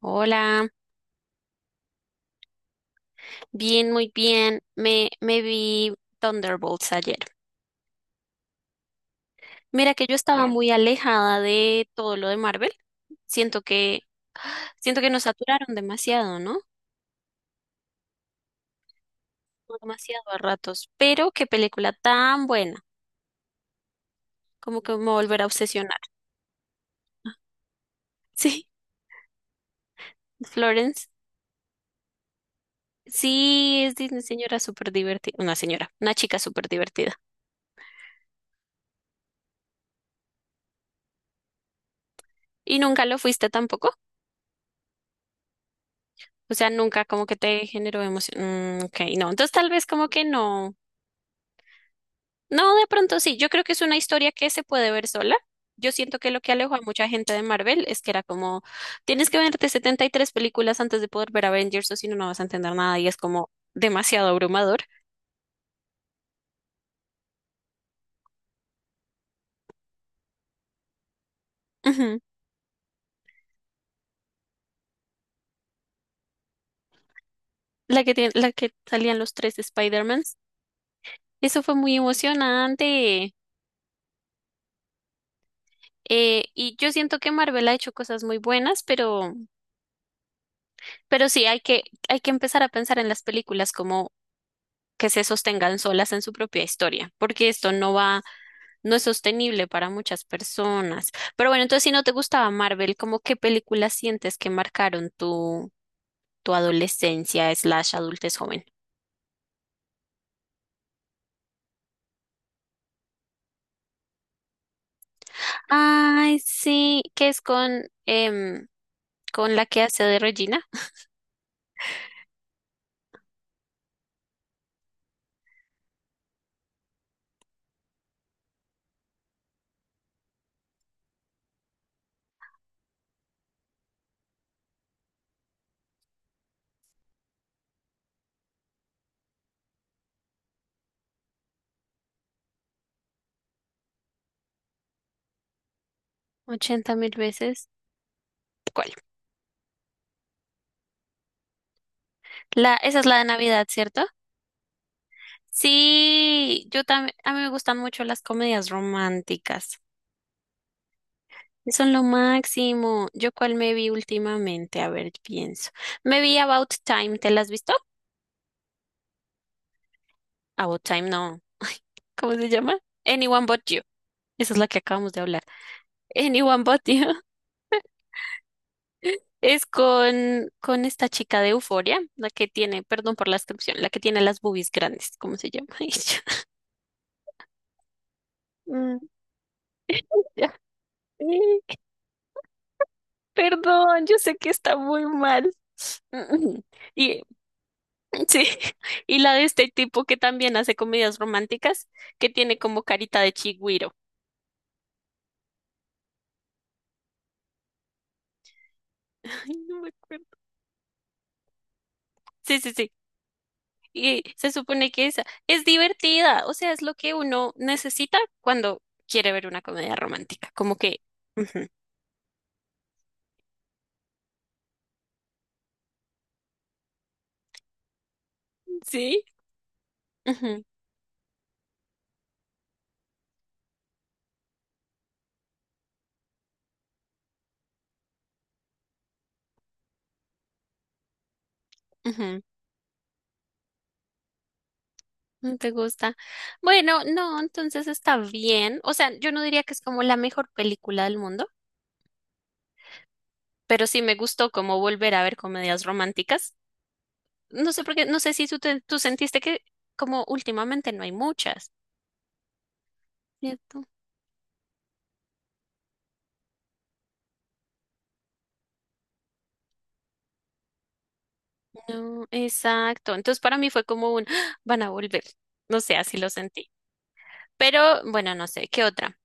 Hola, bien, muy bien. Me vi Thunderbolts ayer. Mira que yo estaba muy alejada de todo lo de Marvel. Siento que, siento que nos saturaron demasiado, ¿no? Demasiado a ratos. Pero qué película tan buena. Como que me volver a obsesionar. Sí, Florence. Sí, es una señora súper divertida. Una señora, una chica súper divertida. ¿Y nunca lo fuiste tampoco? O sea, nunca como que te generó emoción. Mm, ok, no. Entonces tal vez como que no. No, de pronto sí, yo creo que es una historia que se puede ver sola. Yo siento que lo que alejó a mucha gente de Marvel es que era como, tienes que verte 73 películas antes de poder ver Avengers o si no, no vas a entender nada y es como demasiado abrumador. Ujú. La que la que salían los tres Spider-Mans. Eso fue muy emocionante. Y yo siento que Marvel ha hecho cosas muy buenas, pero sí hay que empezar a pensar en las películas como que se sostengan solas en su propia historia, porque esto no va no es sostenible para muchas personas. Pero bueno, entonces si no te gustaba Marvel, ¿cómo qué películas sientes que marcaron tu adolescencia slash adultez joven? Ay, sí, que es con, con la que hace de Regina, 80.000 veces. ¿Cuál? La, esa es la de Navidad, ¿cierto? Sí, yo también, a mí me gustan mucho las comedias románticas. Son lo máximo. ¿Yo cuál me vi últimamente? A ver, pienso. Me vi About Time, ¿te la has visto? About Time no. ¿Cómo se llama? Anyone But You. Esa es la que acabamos de hablar. Anyone But You es con esta chica de Euforia, la que tiene, perdón por la descripción, la que tiene las boobies grandes. ¿Cómo se llama ella? Mm, ya. Eh, Perdón, yo sé que está muy mal. Mm, Y sí, y la de este tipo que también hace comedias románticas, que tiene como carita de chigüiro. Ay, no me acuerdo. Sí, sí, sí. Y se supone que esa es divertida, o sea, es lo que uno necesita cuando quiere ver una comedia romántica, como que, ujú, sí, ujú, ujú, no te gusta. Bueno, no, entonces está bien, o sea, yo no diría que es como la mejor película del mundo, pero sí me gustó como volver a ver comedias románticas. No sé por qué, no sé si tú sentiste que como últimamente no hay muchas, ¿cierto? No, exacto. Entonces para mí fue como un, "Ah, van a volver, no sé, así lo sentí". Pero bueno, no sé, ¿qué otra?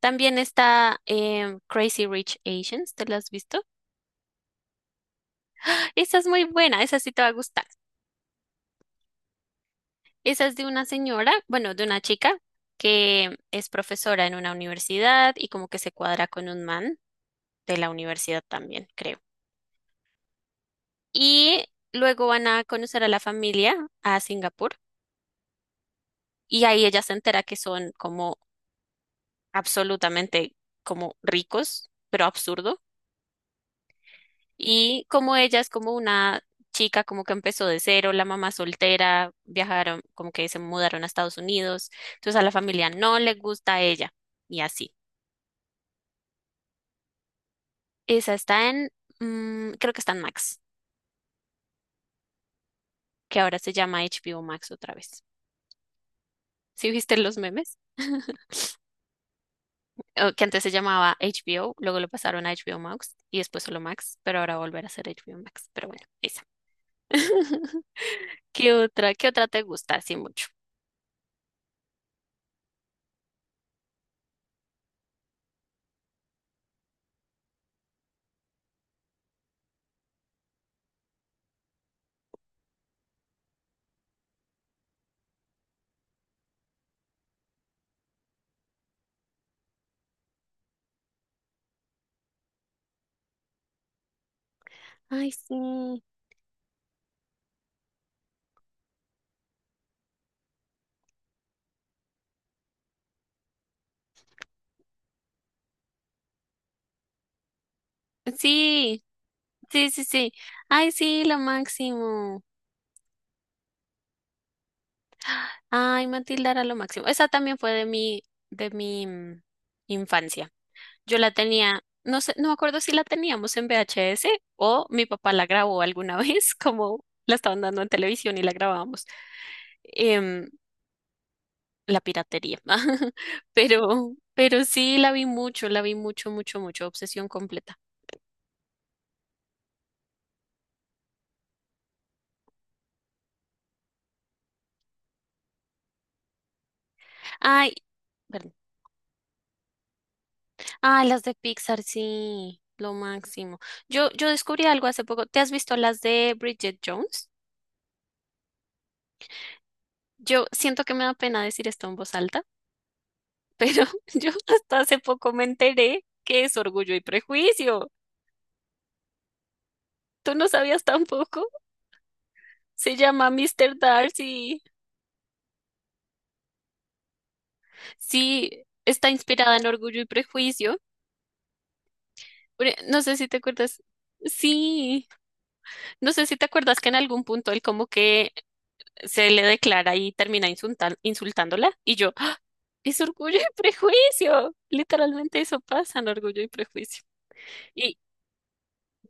También está Crazy Rich Asians, ¿te la has visto? Esa es muy buena, esa sí te va a gustar. Esa es de una señora, bueno, de una chica que es profesora en una universidad y como que se cuadra con un man de la universidad también, creo. Y luego van a conocer a la familia a Singapur y ahí ella se entera que son como absolutamente como ricos, pero absurdo. Y como ella es como una chica como que empezó de cero, la mamá soltera, viajaron, como que se mudaron a Estados Unidos, entonces a la familia no le gusta a ella y así. Esa está en, creo que está en Max, que ahora se llama HBO Max otra vez. ¿Sí viste los memes? O que antes se llamaba HBO, luego lo pasaron a HBO Max y después solo Max, pero ahora volver a ser HBO Max. Pero bueno, esa. ¿Qué otra? ¿Qué otra te gusta así mucho? Ay, sí. Sí, sí, sí, sí. Ay, sí, lo máximo. Ay, Matilda era lo máximo. Esa también fue de mi infancia. Yo la tenía, no sé, no me acuerdo si la teníamos en VHS o mi papá la grabó alguna vez, como la estaban dando en televisión y la grabábamos. Em, la piratería. Pero sí, la vi mucho, mucho, mucho. Obsesión completa. Ay, perdón. Ah, las de Pixar, sí, lo máximo. Yo descubrí algo hace poco. ¿Te has visto las de Bridget Jones? Yo siento que me da pena decir esto en voz alta, pero yo hasta hace poco me enteré que es Orgullo y Prejuicio. ¿Tú no sabías tampoco? Se llama Mr. Darcy. Sí, está inspirada en Orgullo y Prejuicio. Pero no sé si te acuerdas. Sí, no sé si te acuerdas que en algún punto él como que se le declara y termina insultándola. Y yo, ¡ah!, es orgullo y prejuicio. Literalmente eso pasa en orgullo y prejuicio. Y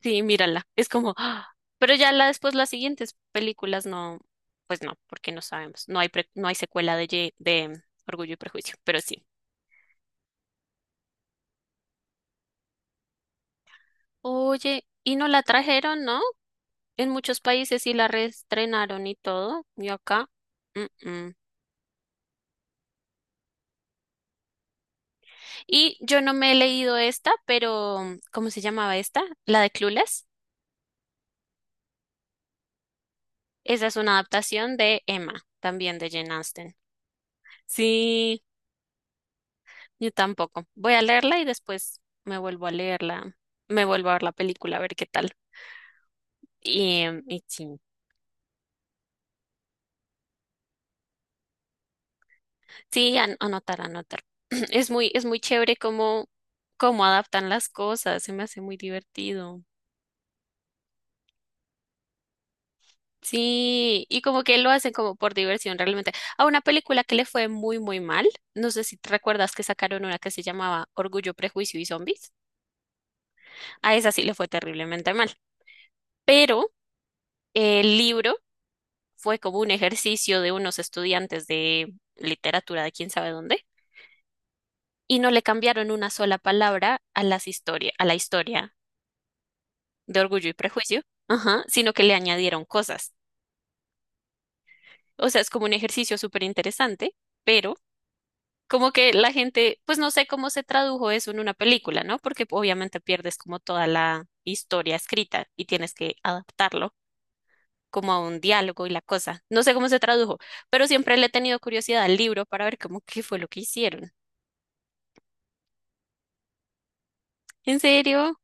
sí, mírala, es como, ¡ah! Pero ya la, después las siguientes películas no, pues no, porque no sabemos. No hay secuela de orgullo y prejuicio, pero sí. Oye, y no la trajeron, ¿no? En muchos países sí la reestrenaron y todo. Y acá. Mm, mm. Y yo no me he leído esta, pero ¿cómo se llamaba esta? La de Clueless. Esa es una adaptación de Emma, también de Jane Austen. Sí, yo tampoco. Voy a leerla y después me vuelvo a leerla, me vuelvo a ver la película, a ver qué tal. Y sí, sí, anotar, anotar. Es muy chévere cómo, cómo adaptan las cosas, se me hace muy divertido. Sí, y como que lo hacen como por diversión realmente. A una película que le fue muy, muy mal, no sé si te recuerdas que sacaron una que se llamaba Orgullo, Prejuicio y Zombies, a esa sí le fue terriblemente mal. Pero el libro fue como un ejercicio de unos estudiantes de literatura de quién sabe dónde, y no le cambiaron una sola palabra a a la historia de Orgullo y Prejuicio, ajá, sino que le añadieron cosas. O sea, es como un ejercicio súper interesante, pero como que la gente, pues no sé cómo se tradujo eso en una película, ¿no? Porque obviamente pierdes como toda la historia escrita y tienes que adaptarlo como a un diálogo y la cosa. No sé cómo se tradujo, pero siempre le he tenido curiosidad al libro para ver cómo qué fue lo que hicieron. ¿En serio?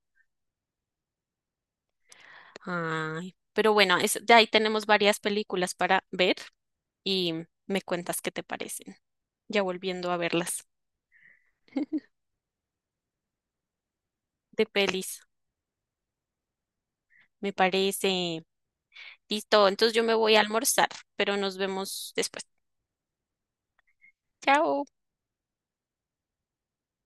Ay, pero bueno, de ahí tenemos varias películas para ver y me cuentas qué te parecen, ya volviendo a verlas. De pelis, me parece. Listo, entonces yo me voy a almorzar, pero nos vemos después. Chao.